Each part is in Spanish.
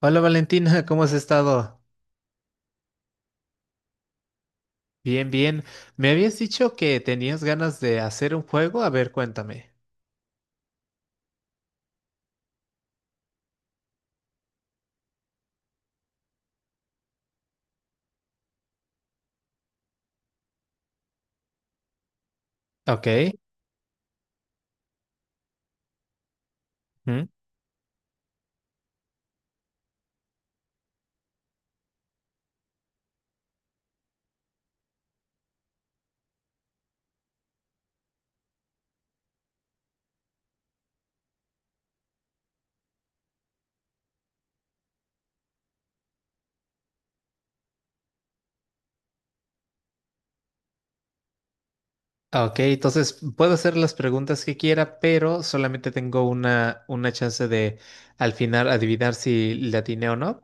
Hola Valentina, ¿cómo has estado? Bien, bien. Me habías dicho que tenías ganas de hacer un juego. A ver, cuéntame. Ok. ¿Mm? Ok, entonces puedo hacer las preguntas que quiera, pero solamente tengo una chance de al final adivinar si le atiné o no.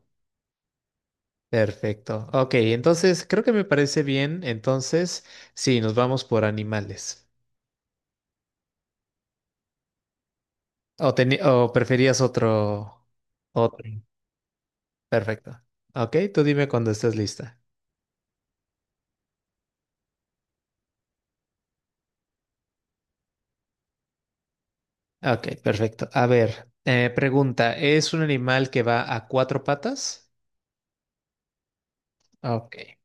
Perfecto. Ok, entonces creo que me parece bien. Entonces, sí, nos vamos por animales. ¿O, o preferías otro? Otro. Perfecto. Ok, tú dime cuando estés lista. Ok, perfecto. A ver, pregunta, ¿es un animal que va a cuatro patas? Ok.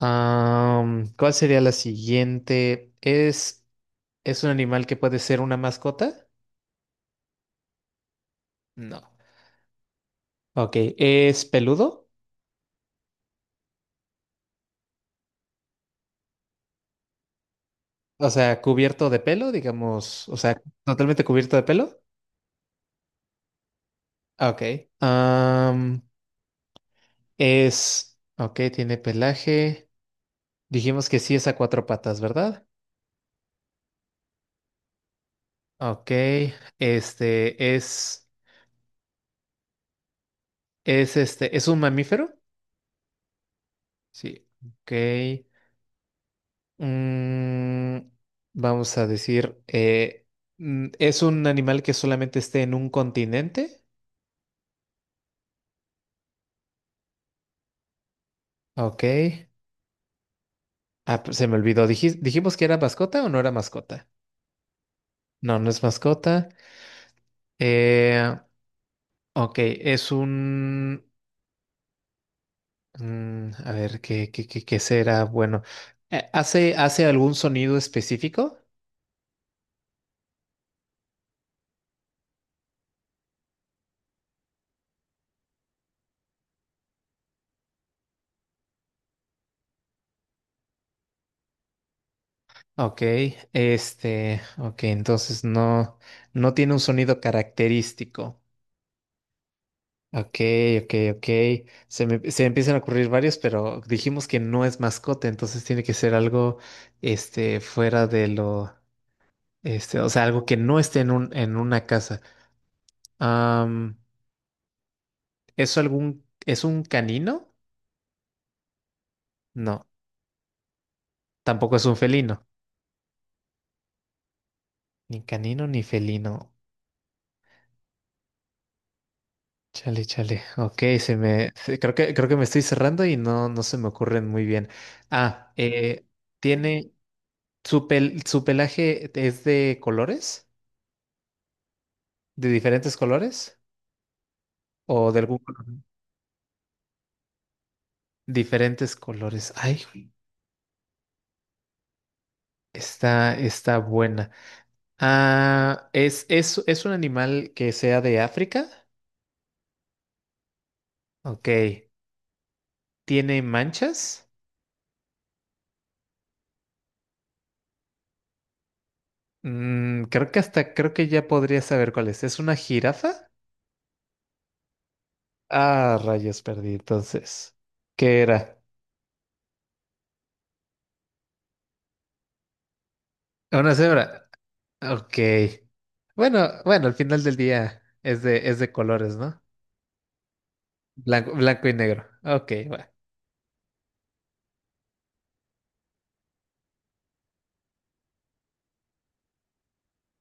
¿Cuál sería la siguiente? ¿Es un animal que puede ser una mascota? No. Ok, ¿es peludo? O sea, cubierto de pelo, digamos, o sea, totalmente cubierto de pelo. Ok. Am, es, ok, tiene pelaje. Dijimos que sí es a cuatro patas, ¿verdad? Ok, este es... Es este, ¿es un mamífero? Sí. Ok. Mm, vamos a decir, mm, ¿es un animal que solamente esté en un continente? Ok. Ah, pues se me olvidó. ¿Dijimos que era mascota o no era mascota? No, no es mascota. Eh, ok, es un... mm, a ver, ¿qué será? Bueno, ¿hace, hace algún sonido específico? Ok, este, ok, entonces no, no tiene un sonido característico. Ok, ok, ok. Se me empiezan a ocurrir varios, pero dijimos que no es mascota, entonces tiene que ser algo, este, fuera de lo, este, o sea, algo que no esté en un, en una casa. Am, ¿Es algún, es un canino? No, tampoco es un felino. Ni canino ni felino. Chale, chale. Ok, creo que, creo que me estoy cerrando y no, no se me ocurren muy bien. Ah, tiene. ¿Su su pelaje es de colores? ¿De diferentes colores? ¿O de algún color? Diferentes colores. Ay, güey, está, está buena. Ah, ¿es un animal que sea de África? Ok. ¿Tiene manchas? Mm, creo que hasta, creo que ya podría saber cuál es. ¿Es una jirafa? Ah, rayos, perdí entonces. ¿Qué era? Una cebra. Ok. Bueno, bueno, al final del día es de colores, ¿no? Blanco, blanco y negro. Ok, va.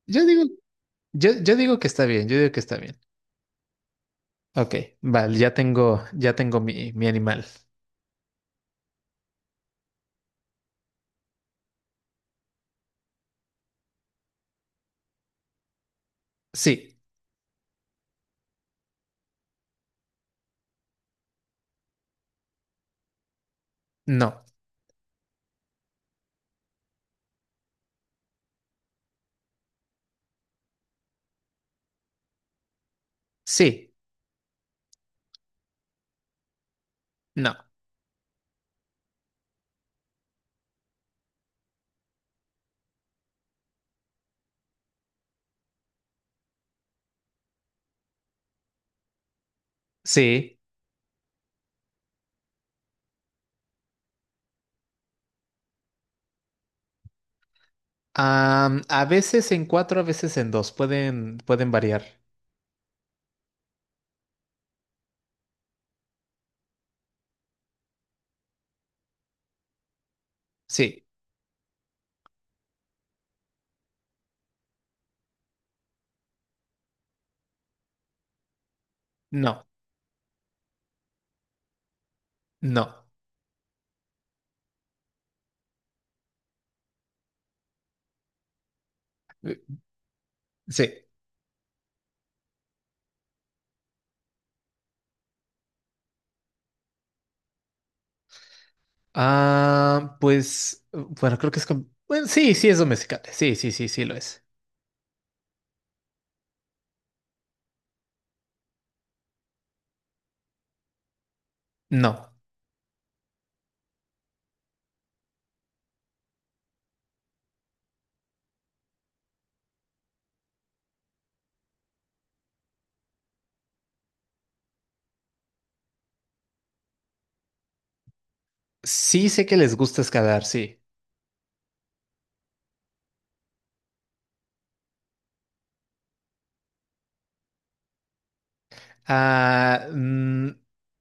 Yo digo, yo digo que está bien, yo digo que está bien. Ok, vale, ya tengo mi, mi animal. Sí, no, sí, no, sí. A veces en cuatro, a veces en dos. Pueden, pueden variar. Sí, no, no. Sí. Ah, pues, bueno, creo que es bueno, sí, sí es domesticable. Sí, sí, sí, sí lo es. No. Sí sé que les gusta escalar, sí. Ah, mm,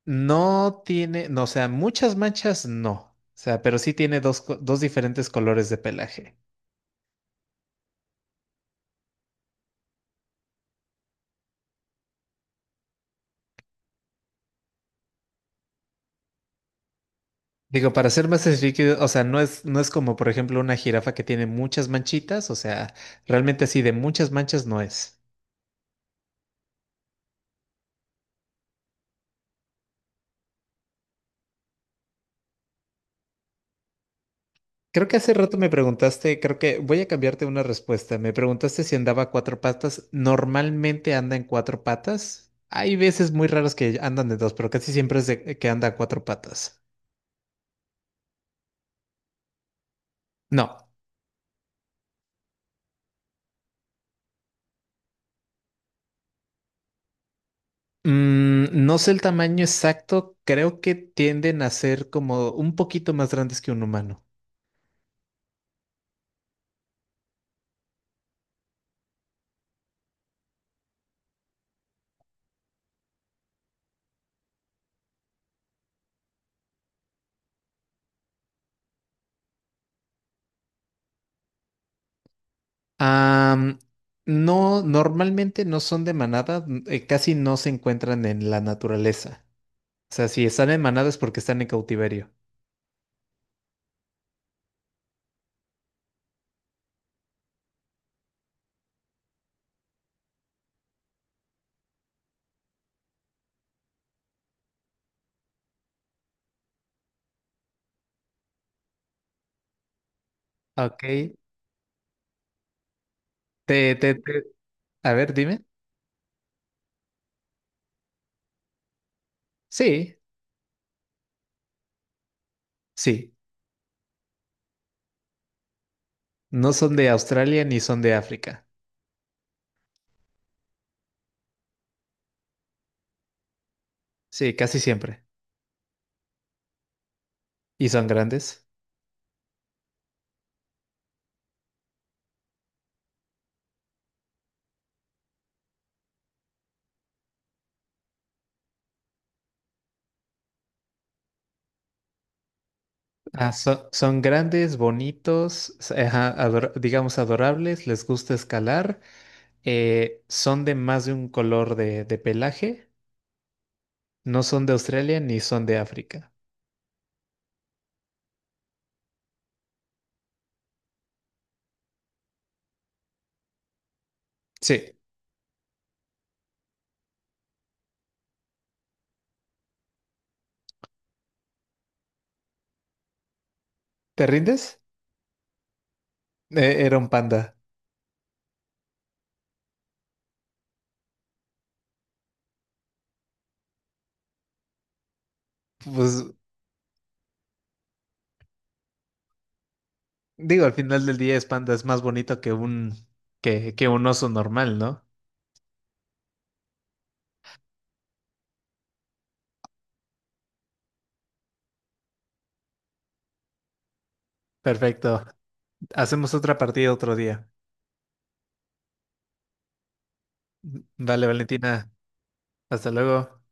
no tiene, no, o sea, muchas manchas no. O sea, pero sí tiene dos, dos diferentes colores de pelaje. Digo, para ser más específico, o sea, no es, no es como, por ejemplo, una jirafa que tiene muchas manchitas, o sea, realmente así de muchas manchas no es. Creo que hace rato me preguntaste, creo que voy a cambiarte una respuesta. Me preguntaste si andaba a cuatro patas. Normalmente anda en cuatro patas. Hay veces muy raras que andan de dos, pero casi siempre es de que anda a cuatro patas. No, mm, no sé el tamaño exacto. Creo que tienden a ser como un poquito más grandes que un humano. Am, no, normalmente no son de manada, casi no se encuentran en la naturaleza. O sea, si están en manada es porque están en cautiverio. Ok. Te, te, te- a ver, dime. Sí, sí. No son de Australia ni son de África. Sí, casi siempre. ¿Y son grandes? Ah, son grandes, bonitos, ajá, digamos adorables, les gusta escalar, son de más de un color de pelaje, no son de Australia ni son de África. Sí. ¿Te rindes? Era un panda. Pues digo, al final del día es panda, es más bonito que un oso normal, ¿no? Perfecto. Hacemos otra partida otro día. Vale, Valentina. Hasta luego.